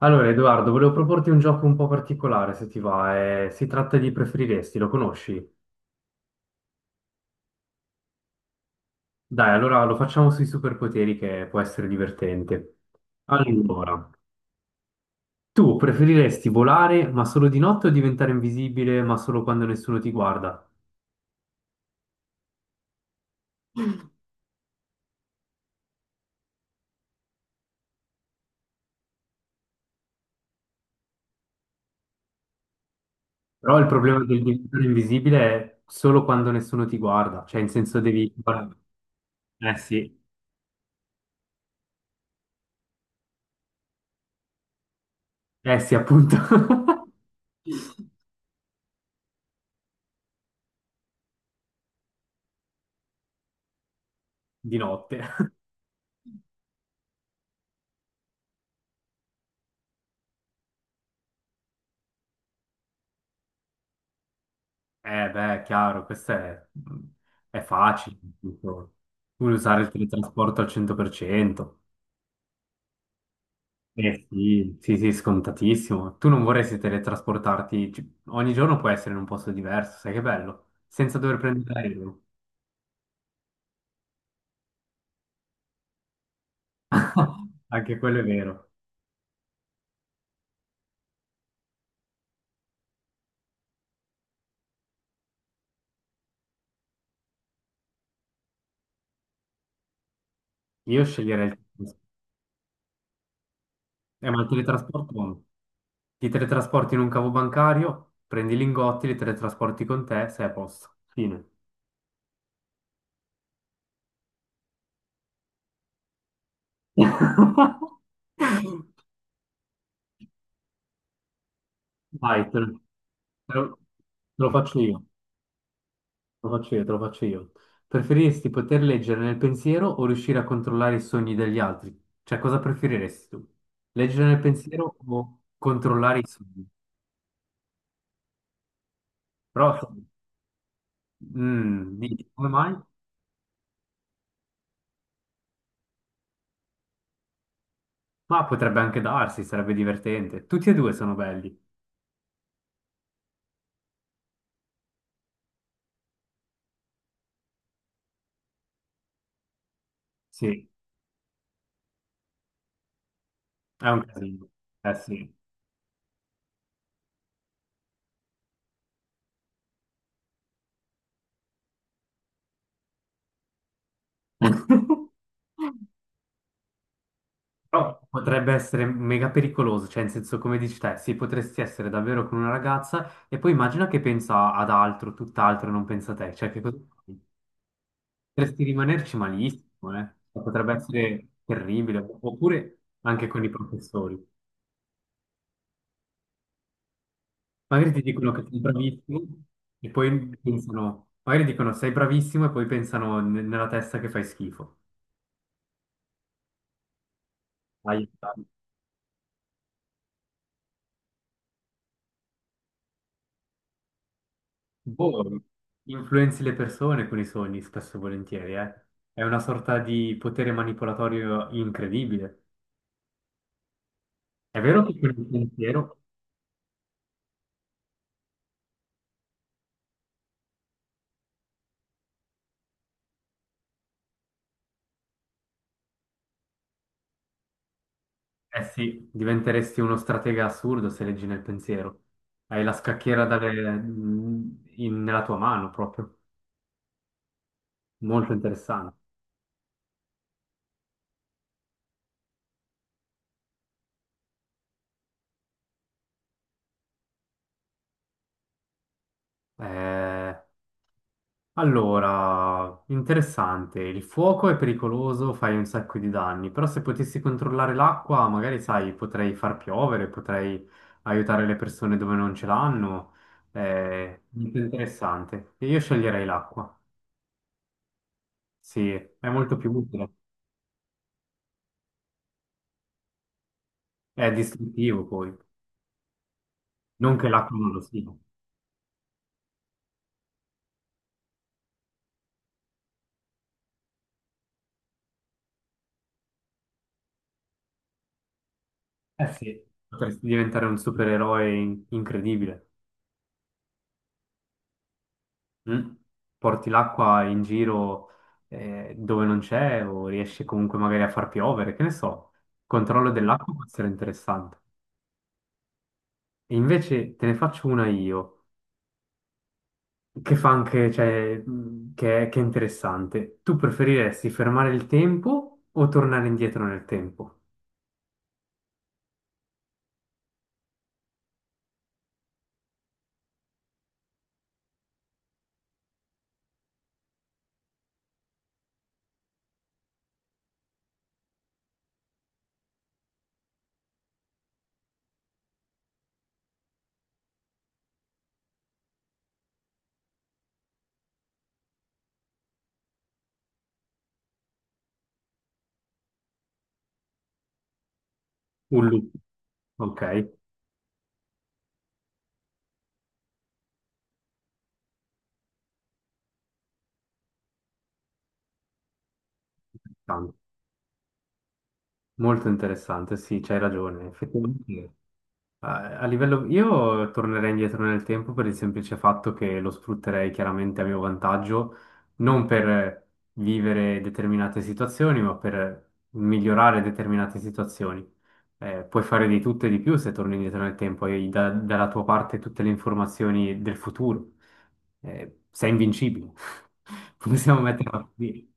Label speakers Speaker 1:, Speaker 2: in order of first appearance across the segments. Speaker 1: Allora, Edoardo, volevo proporti un gioco un po' particolare, se ti va. Si tratta di preferiresti, lo conosci? Dai, allora lo facciamo sui superpoteri che può essere divertente. Allora, tu preferiresti volare ma solo di notte o diventare invisibile ma solo quando nessuno ti guarda? Però il problema del diventare invisibile è solo quando nessuno ti guarda, cioè in senso devi... Eh sì, eh sì, appunto, di notte. Eh beh, è chiaro, questo è facile, tipo, vuoi usare il teletrasporto al 100%? Eh sì, sì, sì, scontatissimo. Tu non vorresti teletrasportarti, ogni giorno puoi essere in un posto diverso, sai che bello, senza dover prendere l'aereo. Anche quello è vero. Io sceglierei il teletrasporto. Ma il teletrasporto, ti teletrasporti in un cavo bancario, prendi i lingotti, li teletrasporti con te, sei a posto. Fine. Vai, te lo, te lo- te lo faccio io, te lo faccio io, te lo faccio io. Preferiresti poter leggere nel pensiero o riuscire a controllare i sogni degli altri? Cioè, cosa preferiresti tu? Leggere nel pensiero o controllare i sogni? Però, dici, come mai? Ma potrebbe anche darsi, sarebbe divertente. Tutti e due sono belli. Sì, è un casino. Eh sì. Però potrebbe essere mega pericoloso, cioè in senso come dici te, sì, potresti essere davvero con una ragazza e poi immagina che pensa ad altro, tutt'altro, e non pensa a te, cioè che cosa fai? Potresti rimanerci malissimo, eh? Cioè, potrebbe essere terribile, oppure anche con i professori. Magari ti dicono che sei bravissimo e poi pensano, magari dicono sei bravissimo e poi pensano nella testa che fai schifo. Aiuto. Boh, influenzi le persone con i sogni, spesso e volentieri, eh. È una sorta di potere manipolatorio incredibile. È vero che con il pensiero, eh sì, diventeresti uno stratega assurdo se leggi nel pensiero. Hai la scacchiera dalle- in- Nella tua mano proprio. Molto interessante. Eh, Allora, interessante, il fuoco è pericoloso, fai un sacco di danni, però se potessi controllare l'acqua, magari sai, potrei far piovere, potrei aiutare le persone dove non ce l'hanno, è molto interessante. E io sceglierei l'acqua, sì, è molto più utile, è distruttivo poi, non che l'acqua non lo sia. Eh sì. Potresti diventare un supereroe incredibile. Mm. Porti l'acqua in giro dove non c'è o riesci comunque magari a far piovere, che ne so. Il controllo dell'acqua può essere interessante. E invece te ne faccio una io, che fa anche, cioè, che è interessante. Tu preferiresti fermare il tempo o tornare indietro nel tempo? Un loop. Ok, interessante. Molto interessante, sì, c'hai ragione. Effettivamente. A livello, io tornerei indietro nel tempo per il semplice fatto che lo sfrutterei chiaramente a mio vantaggio, non per vivere determinate situazioni, ma per migliorare determinate situazioni. Puoi fare di tutto e di più se torni indietro nel tempo, hai dalla tua parte tutte le informazioni del futuro. Sei invincibile. Possiamo metterla così,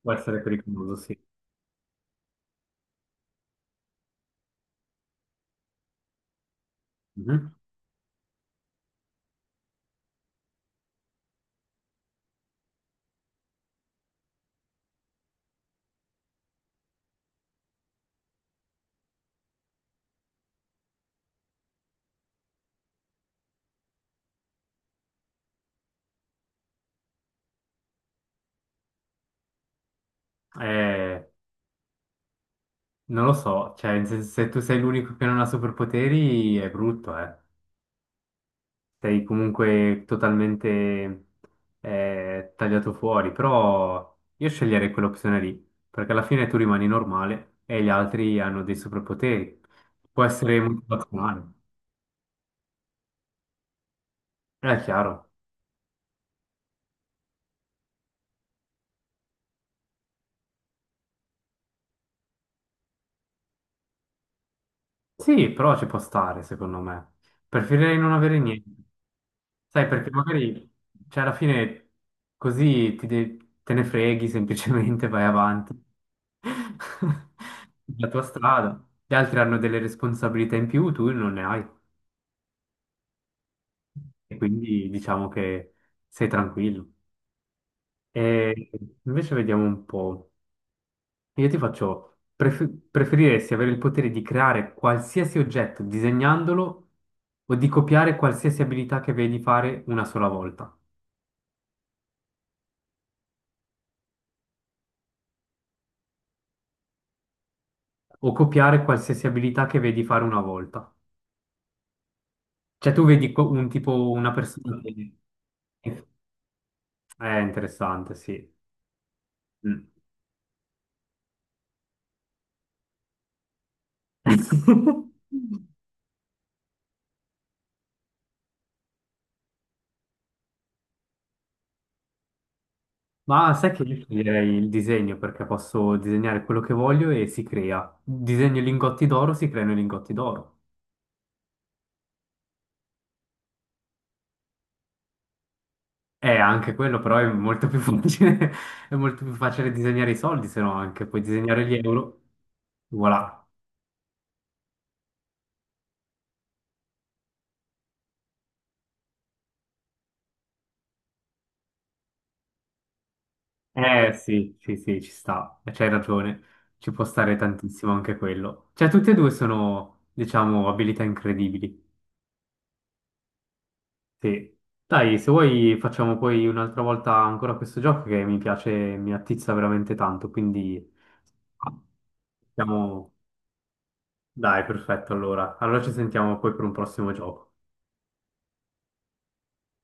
Speaker 1: può essere pericoloso, sì. Mhm. Eh, non lo so, cioè se tu sei l'unico che non ha superpoteri è brutto, eh. Sei comunque totalmente tagliato fuori, però io sceglierei quell'opzione lì, perché alla fine tu rimani normale e gli altri hanno dei superpoteri. Può essere motivazionale, è chiaro. Sì, però ci può stare, secondo me. Preferirei non avere niente. Sai, perché magari, cioè, alla fine così te ne freghi, semplicemente vai avanti. La tua strada. Gli altri hanno delle responsabilità in più, tu non ne hai. E quindi diciamo che sei tranquillo. E invece vediamo un po'. Io ti faccio, preferiresti avere il potere di creare qualsiasi oggetto disegnandolo o di copiare qualsiasi abilità che vedi fare una sola volta? O copiare qualsiasi abilità che vedi fare una volta? Cioè tu vedi un tipo, una persona che... È interessante, sì. Mm. Ma sai che io sceglierei il disegno perché posso disegnare quello che voglio e si crea. Disegno i lingotti d'oro, si creano i lingotti d'oro. Anche quello però è molto più facile, è molto più facile disegnare i soldi, se no anche puoi disegnare gli euro. Voilà. Eh sì, sì, sì, ci sta, eh, c'hai ragione, ci può stare tantissimo anche quello. Cioè, tutte e due sono, diciamo, abilità incredibili. Sì. Dai, se vuoi facciamo poi un'altra volta ancora questo gioco che mi piace, mi attizza veramente tanto, quindi siamo... Dai, perfetto, allora. Allora ci sentiamo poi per un prossimo gioco.